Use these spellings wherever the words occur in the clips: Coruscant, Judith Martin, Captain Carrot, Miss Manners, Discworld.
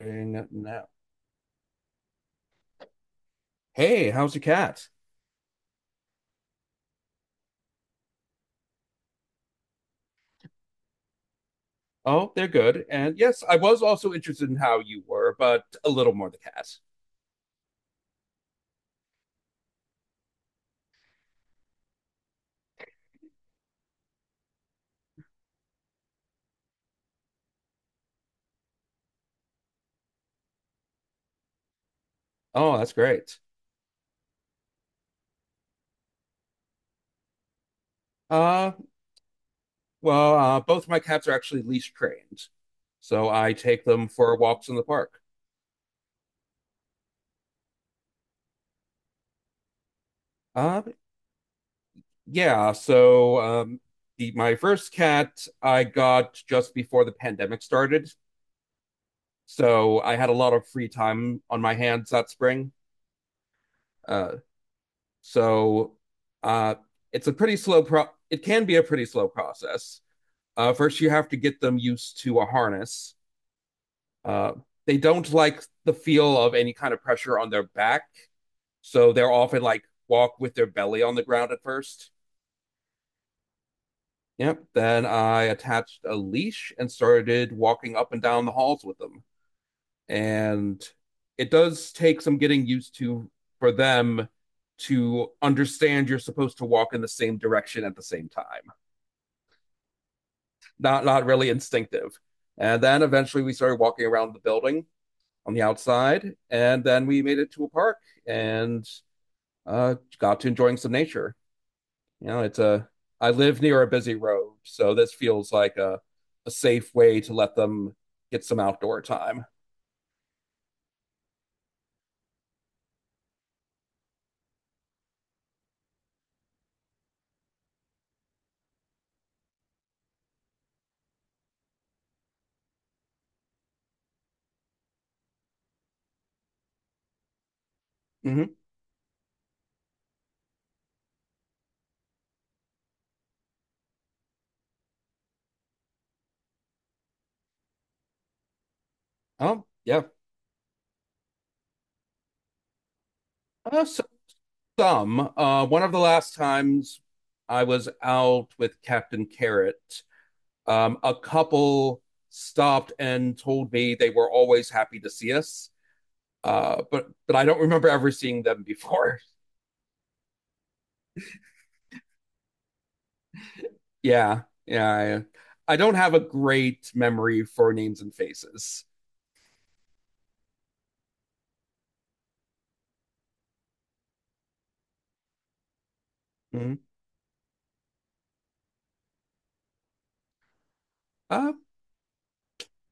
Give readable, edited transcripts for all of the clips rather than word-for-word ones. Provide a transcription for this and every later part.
Ain't now. Hey, how's the cats? Oh, they're good. And yes, I was also interested in how you were, but a little more the cats. Oh, that's great. Uh, well, both my cats are actually leash trained, so I take them for walks in the park. Uh, yeah. So, the my first cat I got just before the pandemic started, so I had a lot of free time on my hands that spring. Uh, So uh, it's a pretty slow pro. It can be a pretty slow process. First, you have to get them used to a harness. Uh, they don't like the feel of any kind of pressure on their back, so they're often like walk with their belly on the ground at first. Yep. Then I attached a leash and started walking up and down the halls with them. And it does take some getting used to for them to understand you're supposed to walk in the same direction at the same time. Not really instinctive. And then eventually we started walking around the building on the outside, and then we made it to a park and got to enjoying some nature. You know, it's a. I live near a busy road, so this feels like a safe way to let them get some outdoor time. Hmm Oh yeah, so some. One of the last times I was out with Captain Carrot, a couple stopped and told me they were always happy to see us, but I don't remember ever seeing them before. Yeah, yeah. I don't have a great memory for names and faces. Mhm. Uh,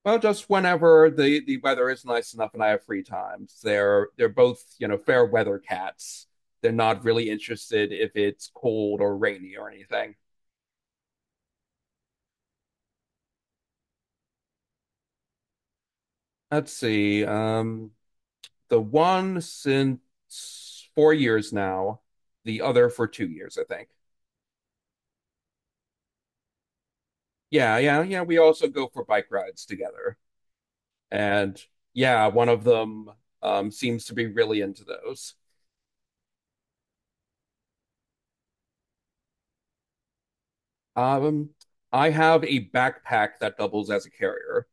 well, just whenever the weather is nice enough and I have free time. They're both you know fair weather cats. They're not really interested if it's cold or rainy or anything. Let's see. The one since 4 years now, the other for 2 years, I think. Yeah, yeah, yeah. We also go for bike rides together. And yeah, one of them seems to be really into those. Um, I have a backpack that doubles as a carrier.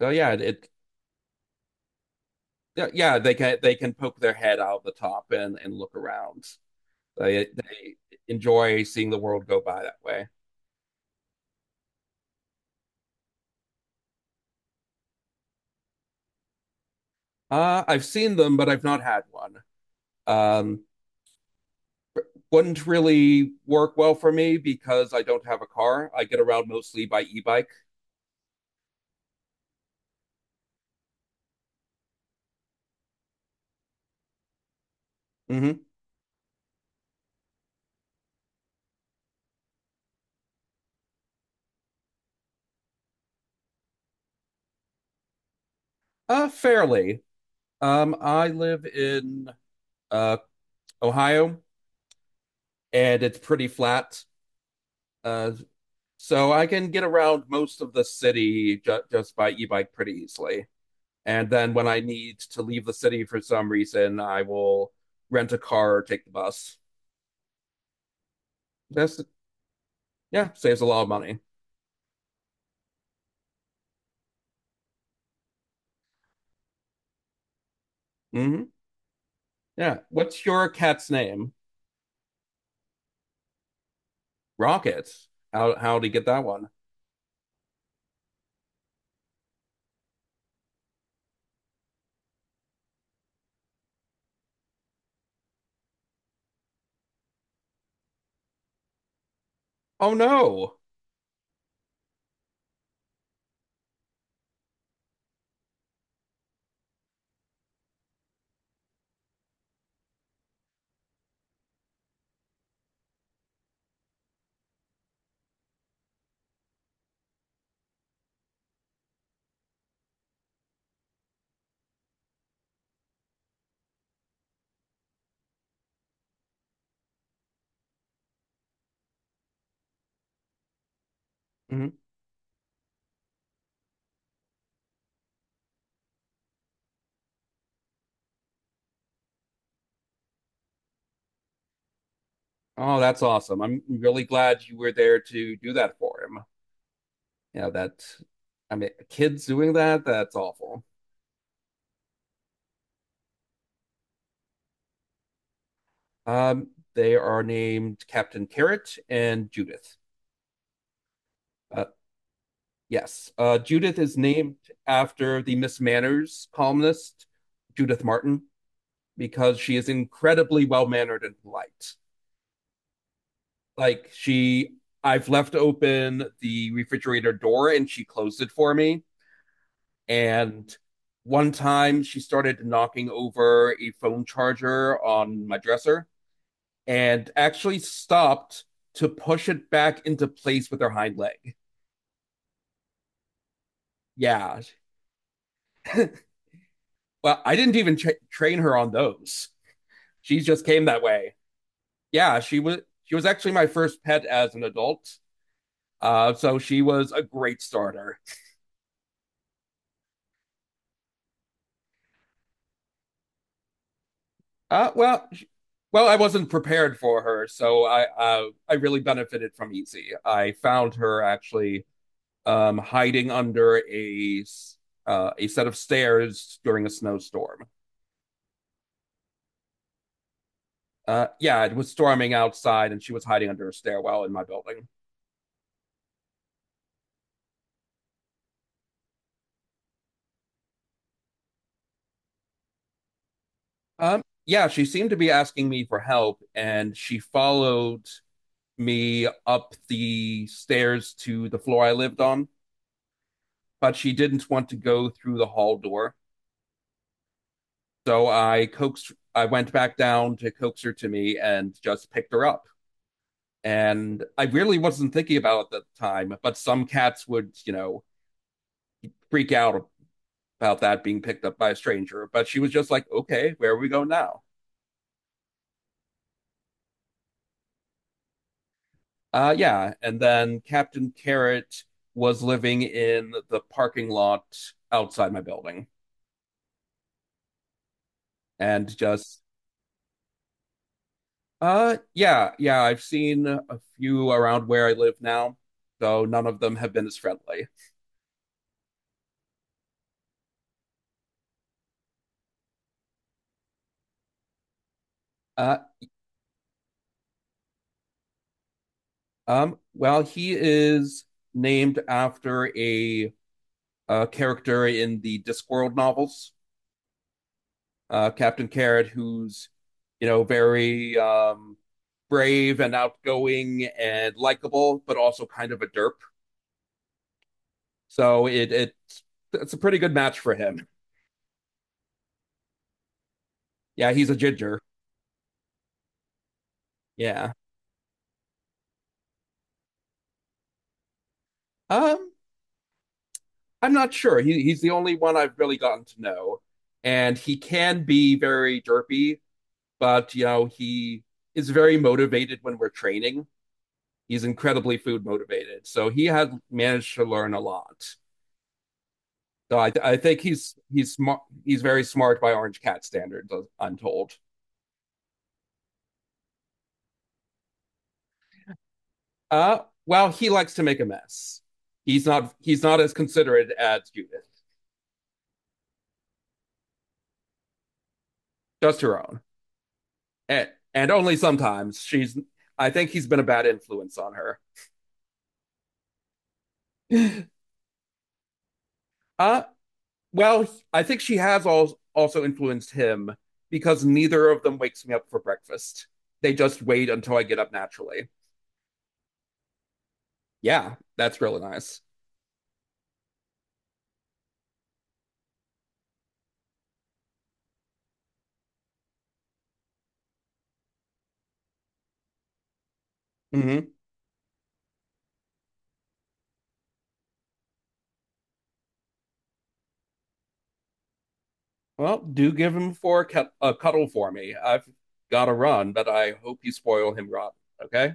So yeah, yeah, they can poke their head out the top and look around. They enjoy seeing the world go by that way. I've seen them, but I've not had one. Um, wouldn't really work well for me because I don't have a car. I get around mostly by e-bike. Hmm fairly. I live in uh, Ohio, and it's pretty flat. Uh, so I can get around most of the city just by e-bike pretty easily. And then when I need to leave the city for some reason, I will rent a car or take the bus. That's yeah, saves a lot of money. Hmm Yeah. What's your cat's name? Rockets. How did he get that one? Oh no. Mhm. Oh, that's awesome. I'm really glad you were there to do that for him. Yeah, that I mean kids doing that, that's awful. Um, they are named Captain Carrot and Judith. Uh, yes. Judith is named after the Miss Manners columnist, Judith Martin, because she is incredibly well mannered and polite. Like she, I've left open the refrigerator door and she closed it for me. And one time she started knocking over a phone charger on my dresser and actually stopped to push it back into place with her hind leg. Yeah. Well, I didn't even train her on those. She just came that way. Yeah, she was actually my first pet as an adult. So she was a great starter. Uh, well, sh- well, I wasn't prepared for her, so I I really benefited from Easy. I found her actually hiding under a set of stairs during a snowstorm. Yeah, it was storming outside, and she was hiding under a stairwell in my building. Yeah, she seemed to be asking me for help, and she followed me up the stairs to the floor I lived on, but she didn't want to go through the hall door. I went back down to coax her to me and just picked her up. And I really wasn't thinking about it at the time, but some cats would, you know, freak out about that being picked up by a stranger. But she was just like, okay, where are we go now? Yeah. And then Captain Carrot was living in the parking lot outside my building and just, yeah, yeah, I've seen a few around where I live now, though none of them have been as friendly. Uh, well, he is named after a character in the Discworld novels, Captain Carrot, who's, you know, very brave and outgoing and likable, but also kind of a derp. So it, it it's a pretty good match for him. Yeah, he's a ginger. Yeah. Um, I'm not sure. He's the only one I've really gotten to know, and he can be very derpy but you know he is very motivated when we're training. He's incredibly food motivated, so he had managed to learn a lot. So I think he's smart. He's very smart by Orange Cat standards. I'm told. Uh, well, he likes to make a mess. He's not as considerate as Judith, just her own, and, and only sometimes. She's I think he's been a bad influence on her. Uh, Well, I think she has also influenced him because neither of them wakes me up for breakfast. They just wait until I get up naturally. Yeah, that's really nice. Hmm Well, do give him for a cuddle for me. I've got to run, but I hope you spoil him rotten. Okay.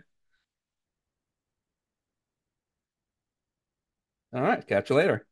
All right. Catch you later.